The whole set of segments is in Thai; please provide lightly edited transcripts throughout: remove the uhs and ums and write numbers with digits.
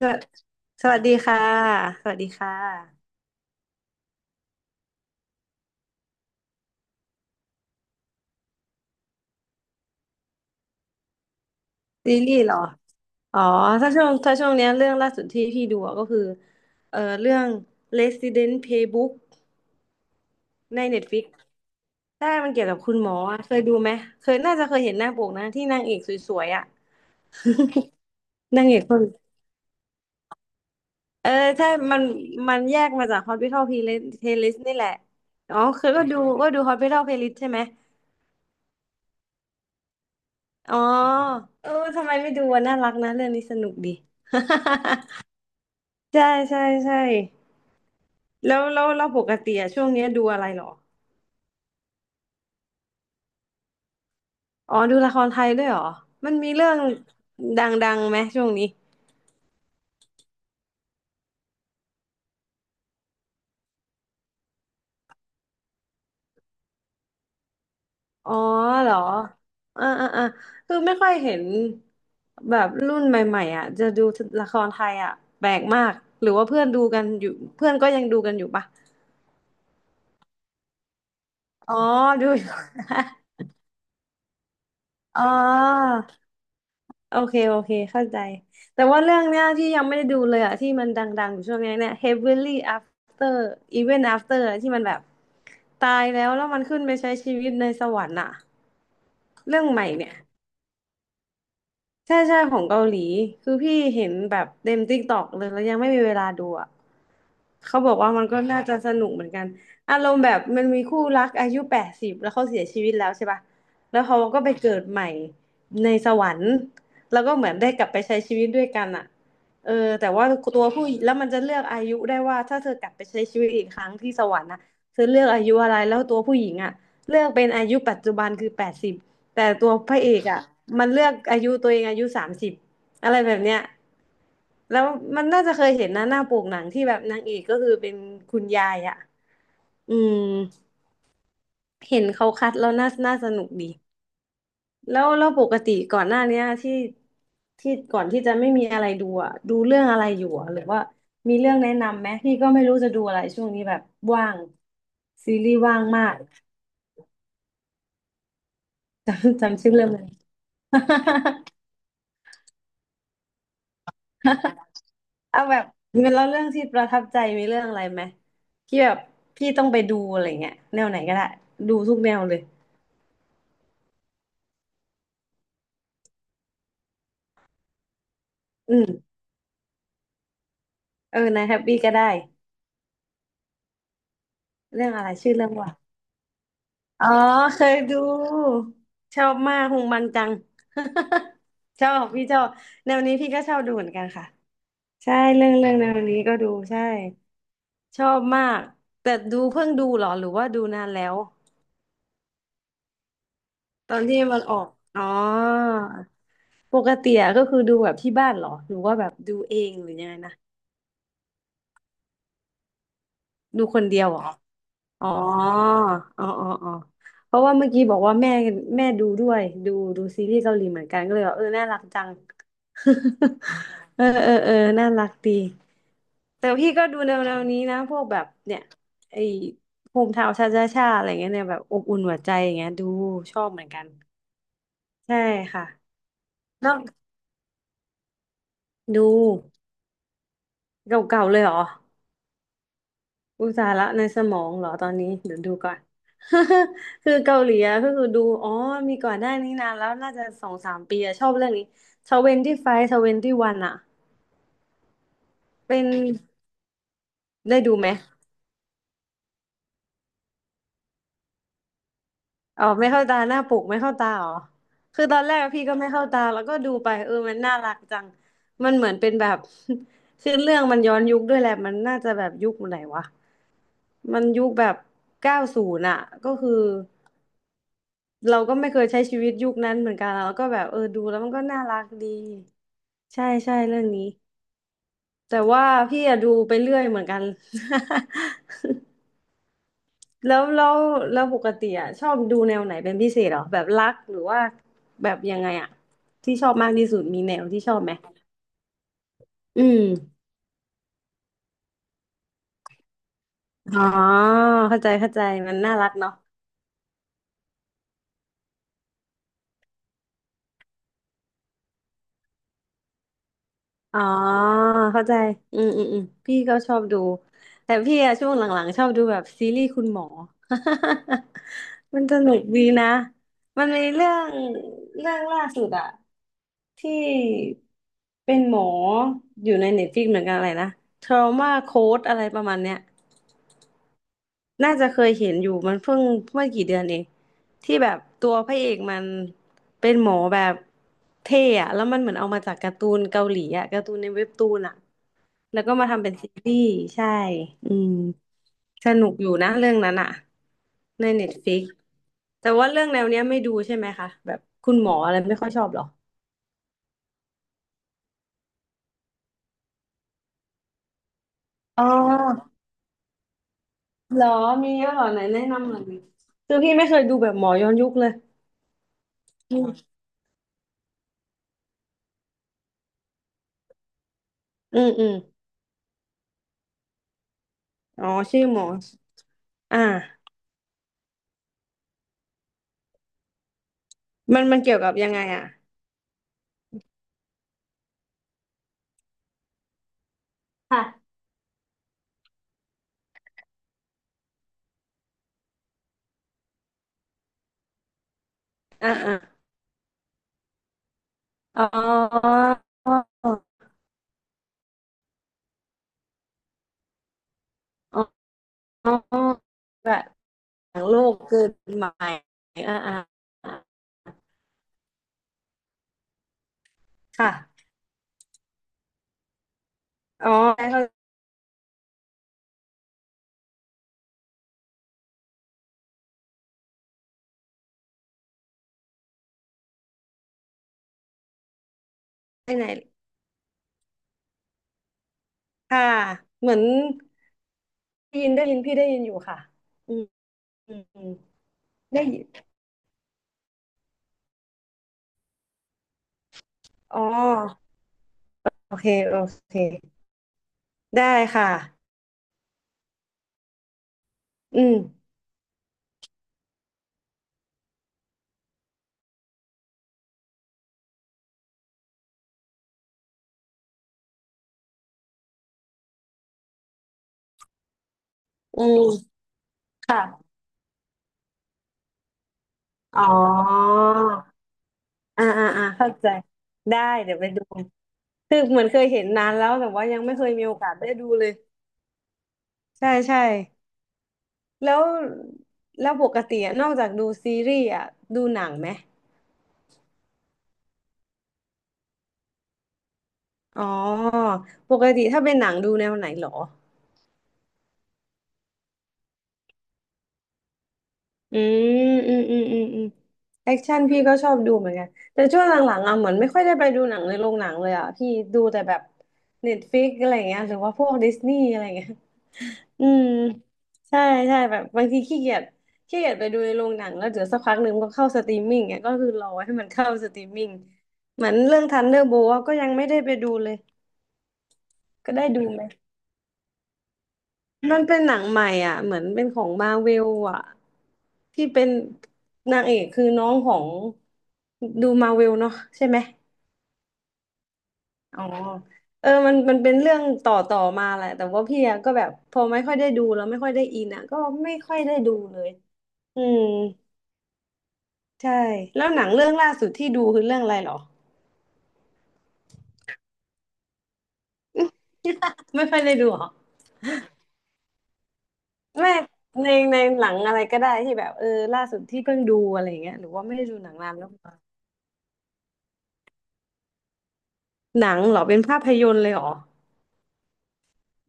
สวัสสวัสดีค่ะสวัสดีค่ะซีรีส์เหรออ๋อถ้าช่วงเนี้ยเรื่องล่าสุดที่พี่ดูอะก็คือเรื่อง Resident Playbook ใน Netflix ใช่มันเกี่ยวกับคุณหมออะเคยดูไหมเคยน่าจะเคยเห็นหน้าปกนะที่นางเอกสวยๆอ่ะนางเอกคนเออใช่มันมันแยกมาจาก Hospital Playlist นี่แหละอ๋อเคยก็ดู Hospital Playlist ใช่ไหมอ๋อเออทำไมไม่ดูอะน่ารักนะเรื่องนี้สนุกดี ใช่ใช่ใช่ แล้วเราปกติอะช่วงเนี้ยดูอะไรเหรออ๋อดูละครไทยด้วยเหรอมันมีเรื่องดังๆไหมช่วงนี้อ๋อเหรออ่าอ่าอ่าคือไม่ค่อยเห็นแบบรุ่นใหม่ๆอ่ะจะดูละครไทยอ่ะแปลกมากหรือว่าเพื่อนดูกันอยู่เพื่อนก็ยังดูกันอยู่ปะอ๋อดูอยู่ อ๋อ โอเคโอเคเข้าใจแต่ว่าเรื่องเนี้ยที่ยังไม่ได้ดูเลยอะที่มันดังๆอยู่ช่วงเนี้ยเนี่ย Heavenly After Even After อะที่มันแบบตายแล้วมันขึ้นไปใช้ชีวิตในสวรรค์อะเรื่องใหม่เนี่ย ใช่ใช่ของเกาหลีคือพี่เห็นแบบเต็มติ๊กตอกเลยแล้วยังไม่มีเวลาดูอ่ะเขาบอกว่ามันก็น่าจะสนุกเหมือนกันอารมณ์แบบมันมีคู่รักอายุแปดสิบแล้วเขาเสียชีวิตแล้วใช่ป่ะแล้วเขาก็ไปเกิดใหม่ในสวรรค์แล้วก็เหมือนได้กลับไปใช้ชีวิตด้วยกันอ่ะเออแต่ว่าตัวผู้แล้วมันจะเลือกอายุได้ว่าถ้าเธอกลับไปใช้ชีวิตอีกครั้งที่สวรรค์นะเธอเลือกอายุอะไรแล้วตัวผู้หญิงอ่ะเลือกเป็นอายุปัจจุบันคือแปดสิบ แต่ตัวพระเอกอ่ะมันเลือกอายุตัวเองอายุ30อะไรแบบเนี้ยแล้วมันน่าจะเคยเห็นนะหน้าปกหนังที่แบบนางเอกก็คือเป็นคุณยายอ่ะอืมเห็นเขาคัดแล้วน่าสนุกดีแล้วปกติก่อนหน้าเนี้ยที่ก่อนที่จะไม่มีอะไรดูอ่ะดูเรื่องอะไรอยู่อ่ะหรือว่ามีเรื่องแนะนำไหมพี่ก็ไม่รู้จะดูอะไรช่วงนี้แบบว่างซีรีส์ว่างมากจำชื่อเรื่องไม่ได้ เอาแบบแล้วเรื่องที่ประทับใจมีเรื่องอะไรไหมที่แบบพี่ต้องไปดูอะไรเงี้ยแนวไหนก็ได้ดูทุกแนวเลยอืมเออนายแฮปปี้ก็ได้เรื่องอะไรชื่อเรื่องว่าอ๋อเคยดูชอบมากฮงบังจัง ชอบพี่ชอบแนวนี้พี่ก็ชอบดูเหมือนกันค่ะใช่เรื่องแนวนี้ก็ดูใช่ชอบมากแต่ดูเพิ่งดูเหรอหรือว่าดูนานแล้ว ตอนที่มันออกอ๋อปกติอะก็คือดูแบบที่บ้านเหรอหรือว่าแบบดูเองหรือยังไงนะดูคนเดียวเหรออ๋ออ๋ออ๋ออ๋อเพราะว่าเมื่อกี้บอกว่าแม่ดูด้วยดูดูซีรีส์เกาหลีเหมือนกันก็เลยว่าเออน่ารักจัง เออเออเออน่ารักดีแต่พี่ก็ดูแนวๆนี้นะพวกแบบเนี่ยไอ้โฮมทาวน์ชาชาชาอะไรเงี้ยเนี่ยแบบอบอุ่นหัวใจอย่างเงี้ยดูชอบเหมือนกันใช่ค่ะแล้วดูเก่าๆเลยเหรอ อุยตส่าห์ละในสมองเหรอตอนนี้เดี๋ยวดูก่อน คือเกาหลีอะก็คือดูอ๋อมีก่อนหน้านี้นานแล้วน่าจะสองสามปีอะชอบเรื่องนี้ทเวนตี้ไฟว์ทเวนตี้วันอะเป็นได้ดูไหมอ๋อไม่เข้าตาหน้าปกไม่เข้าตาเหรอคือตอนแรกพี่ก็ไม่เข้าตาแล้วก็ดูไปเออมันน่ารักจังมันเหมือนเป็นแบบ คือเรื่องมันย้อนยุคด้วยแหละมันน่าจะแบบยุคไหนวะมันยุคแบบ90อะก็คือ เราก็ไม่เคยใช้ชีวิตยุคนั้นเหมือนกันอะแล้วก็แบบเออดูแล้วมันก็น่ารักดีใช่ใช่เรื่องนี้แต่ว่าพี่อะดูไปเรื่อยเหมือนกัน แล้วแล้วแล้วปกติอะชอบดูแนวไหนเป็นพิเศษเหรอแบบรักหรือว่าแบบยังไงอะที่ชอบมากที่สุดมีแนวที่ชอบไหมอืมอ๋อเข้าใจเข้าใจมันน่ารักเนาะ อ๋อเข้าใจอืมพี่ก็ชอบดูแต่พี่อะช่วงหลังๆชอบดูแบบซีรีส์คุณหมอ มันสนุกดีนะมันมีเรื่องล่าสุดอะที่เป็นหมออยู่ในเน็ตฟ i ิกเหมือนกันอะไรนะ Trauma Code อะไรประมาณเนี้ย น่าจะเคยเห็นอยู่มันเพิ่งเมื่อกี่เดือนเองที่แบบตัวพระเอกมันเป็นหมอแบบเท่อะแล้วมันเหมือนเอามาจากการ์ตูนเกาหลีอะการ์ตูนในเว็บตูนอะแล้วก็มาทำเป็นซีรีส์ใช่อืมสนุกอยู่นะเรื่องนั้นอะในเน็ตฟ i ิกแต่ว่าเรื่องแนวเนี้ยไม่ดูใช่ไหมคะแบบคุณหมออะไรไม่ค่อยชอบเหรออ๋อเหรอมีเยอะเหรอไหนแนะนำหน่อยดิคือพี่ไม่เคยดูแบบหมอย้อนยุคเลยอืมอืมอืมอ๋อชื่อหมออ่า มันมันเกี่ยวกับยังไงอ่ะค่ะอ่าอ่าอ๋ออ๋ออ๋อแบบหลังโลกเกิดใหม่อ่าอ่าอ่าค่ะอ๋อได้เข้าใจไหนค่ะเหมือนได้ยินได้ยินพี่ได้ยินอยู่ค่ะอืมอืมอืมได้ยินอ๋อโอเคโอเคได้ค่ะอืมอืมค่ะอ๋ออ่าอ่าอ่าเข้าใจได้เดี๋ยวไปดู คือเหมือนเคยเห็นนานแล้วแต่ว่ายังไม่เคยมีโอกาสได้ดูเลยใช่ใช่แล้วแล้วปกติอะนอกจากดูซีรีส์อ่ะดูหนังไหมอ๋อปกติถ้าเป็นหนังดูแนวไหนเหรออืมอืมอืมอืมอืมแอคชั่นพี่ก็ชอบดูเหมือนกันแต่ช่วงหลังๆอ่ะเหมือนไม่ค่อยได้ไปดูหนังในโรงหนังเลยอ่ะพี่ดูแต่แบบเน็ตฟ i ิกอะไรเงี้ยหรือว่าพวกดิสนีย์อะไรเงี้ย อืมใช่ใช่แบบบางทีขี้เกียจขี้เกียจไปดูในโรงหนังแล้วเดี๋ยวสักพักหนึ่งก็เข้าสตรีมมิ่งเนี่ยก็คือรอให้มันเข้าสตรีมมิ่งเหมือนเรื่องทันเดอร์โบลก็ยังไม่ได้ไปดูเลยก็ได้ดูไหมมันเป็นหนังใหม่อ่ะเหมือนเป็นของมาเวลอ่ะที่เป็นนางเอกคือน้องของดูมาเวลเนาะใช่ไหมอ๋อเออมันเป็นเรื่องต่อมาแหละแต่ว่าพี่อะก็แบบพอไม่ค่อยได้ดูแล้วไม่ค่อยได้อินอะก็ไม่ค่อยได้ดูเลยอืม ใช่แล้วหนังเรื่องล่าสุดที่ดูคือเรื่องอะไรเหรอ ไม่ค่อยได้ดูเหรอไม่ในในหนังอะไรก็ได้ที่แบบเออล่าสุดที่เพิ่งดูอะไรอย่างเงี้ยหรือว่าไม่ได้ดูหนังนานแล้วหนังเหรอเป็นภาพยนตร์เลยเหรอ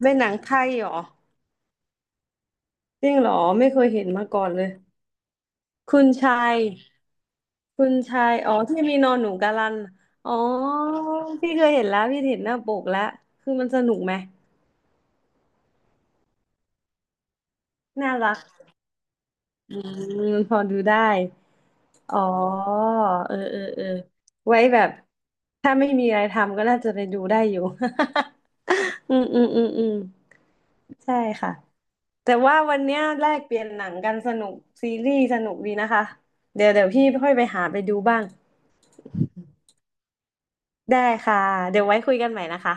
เป็นหนังไทยเหรอจริงเหรอไม่เคยเห็นมาก่อนเลยคุณชายคุณชายอ๋อที่มีนอนหนูกาลันอ๋อพี่เคยเห็นแล้วพี่เห็นหน้าปกแล้วคือมันสนุกไหมน่ารักอืมพอดูได้ อ๋อเออเออเออไว้แบบถ้าไม่มีอะไรทำก็น่าจะไปดูได้อยู่ อืมอืมอืมอืมใช่ค่ะแต่ว่าวันเนี้ยแลกเปลี่ยนหนังกันสนุกซีรีส์สนุกดีนะคะเดี๋ยวเดี๋ยวพี่ค่อยไปหาไปดูบ้างได้ค่ะเดี๋ยวไว้คุยกันใหม่นะคะ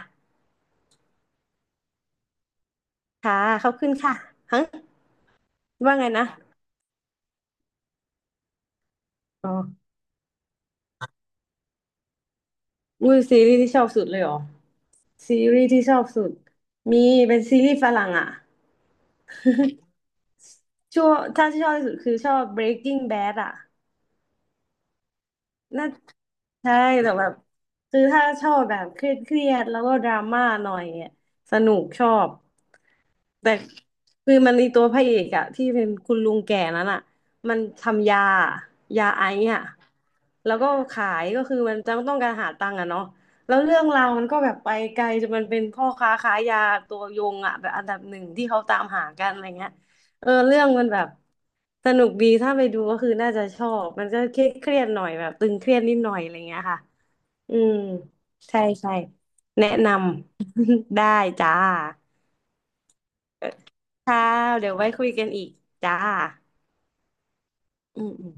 ค่ะขอบคุณค่ะฮะว่าไงนะอ๋ออุ้ยซีรีส์ที่ชอบสุดเลยเหรอซีรีส์ที่ชอบสุดมีเป็นซีรีส์ฝรั่งอ่ะ ช่วงถ้าที่ชอบที่สุดคือชอบ Breaking Bad อ่ะน่าใช่แต่แบบคือถ้าชอบแบบเครียดเครียดแล้วก็ดราม่าหน่อยอะสนุกชอบ แต่คือมันในตัวพระเอกอะที่เป็นคุณลุงแก่นั้นอะมันทำยายาไอซ์อะแล้วก็ขายก็คือมันจำต้องการหาตังค์อะเนาะแล้วเรื่องราวมันก็แบบไปไกลจนมันเป็นพ่อค้าขายยาตัวยงอะแบบอันดับหนึ่งที่เขาตามหากันอะไรเงี้ยเออเรื่องมันแบบสนุกดีถ้าไปดูก็คือน่าจะชอบมันก็เครียดเครียดหน่อยแบบตึงเครียดนิดหน่อยอะไรเงี้ยค่ะอืมใช่ใช่แนะนำ ได้จ้า ค่ะเดี๋ยวไว้คุยกันอีกจ้าอืมอืม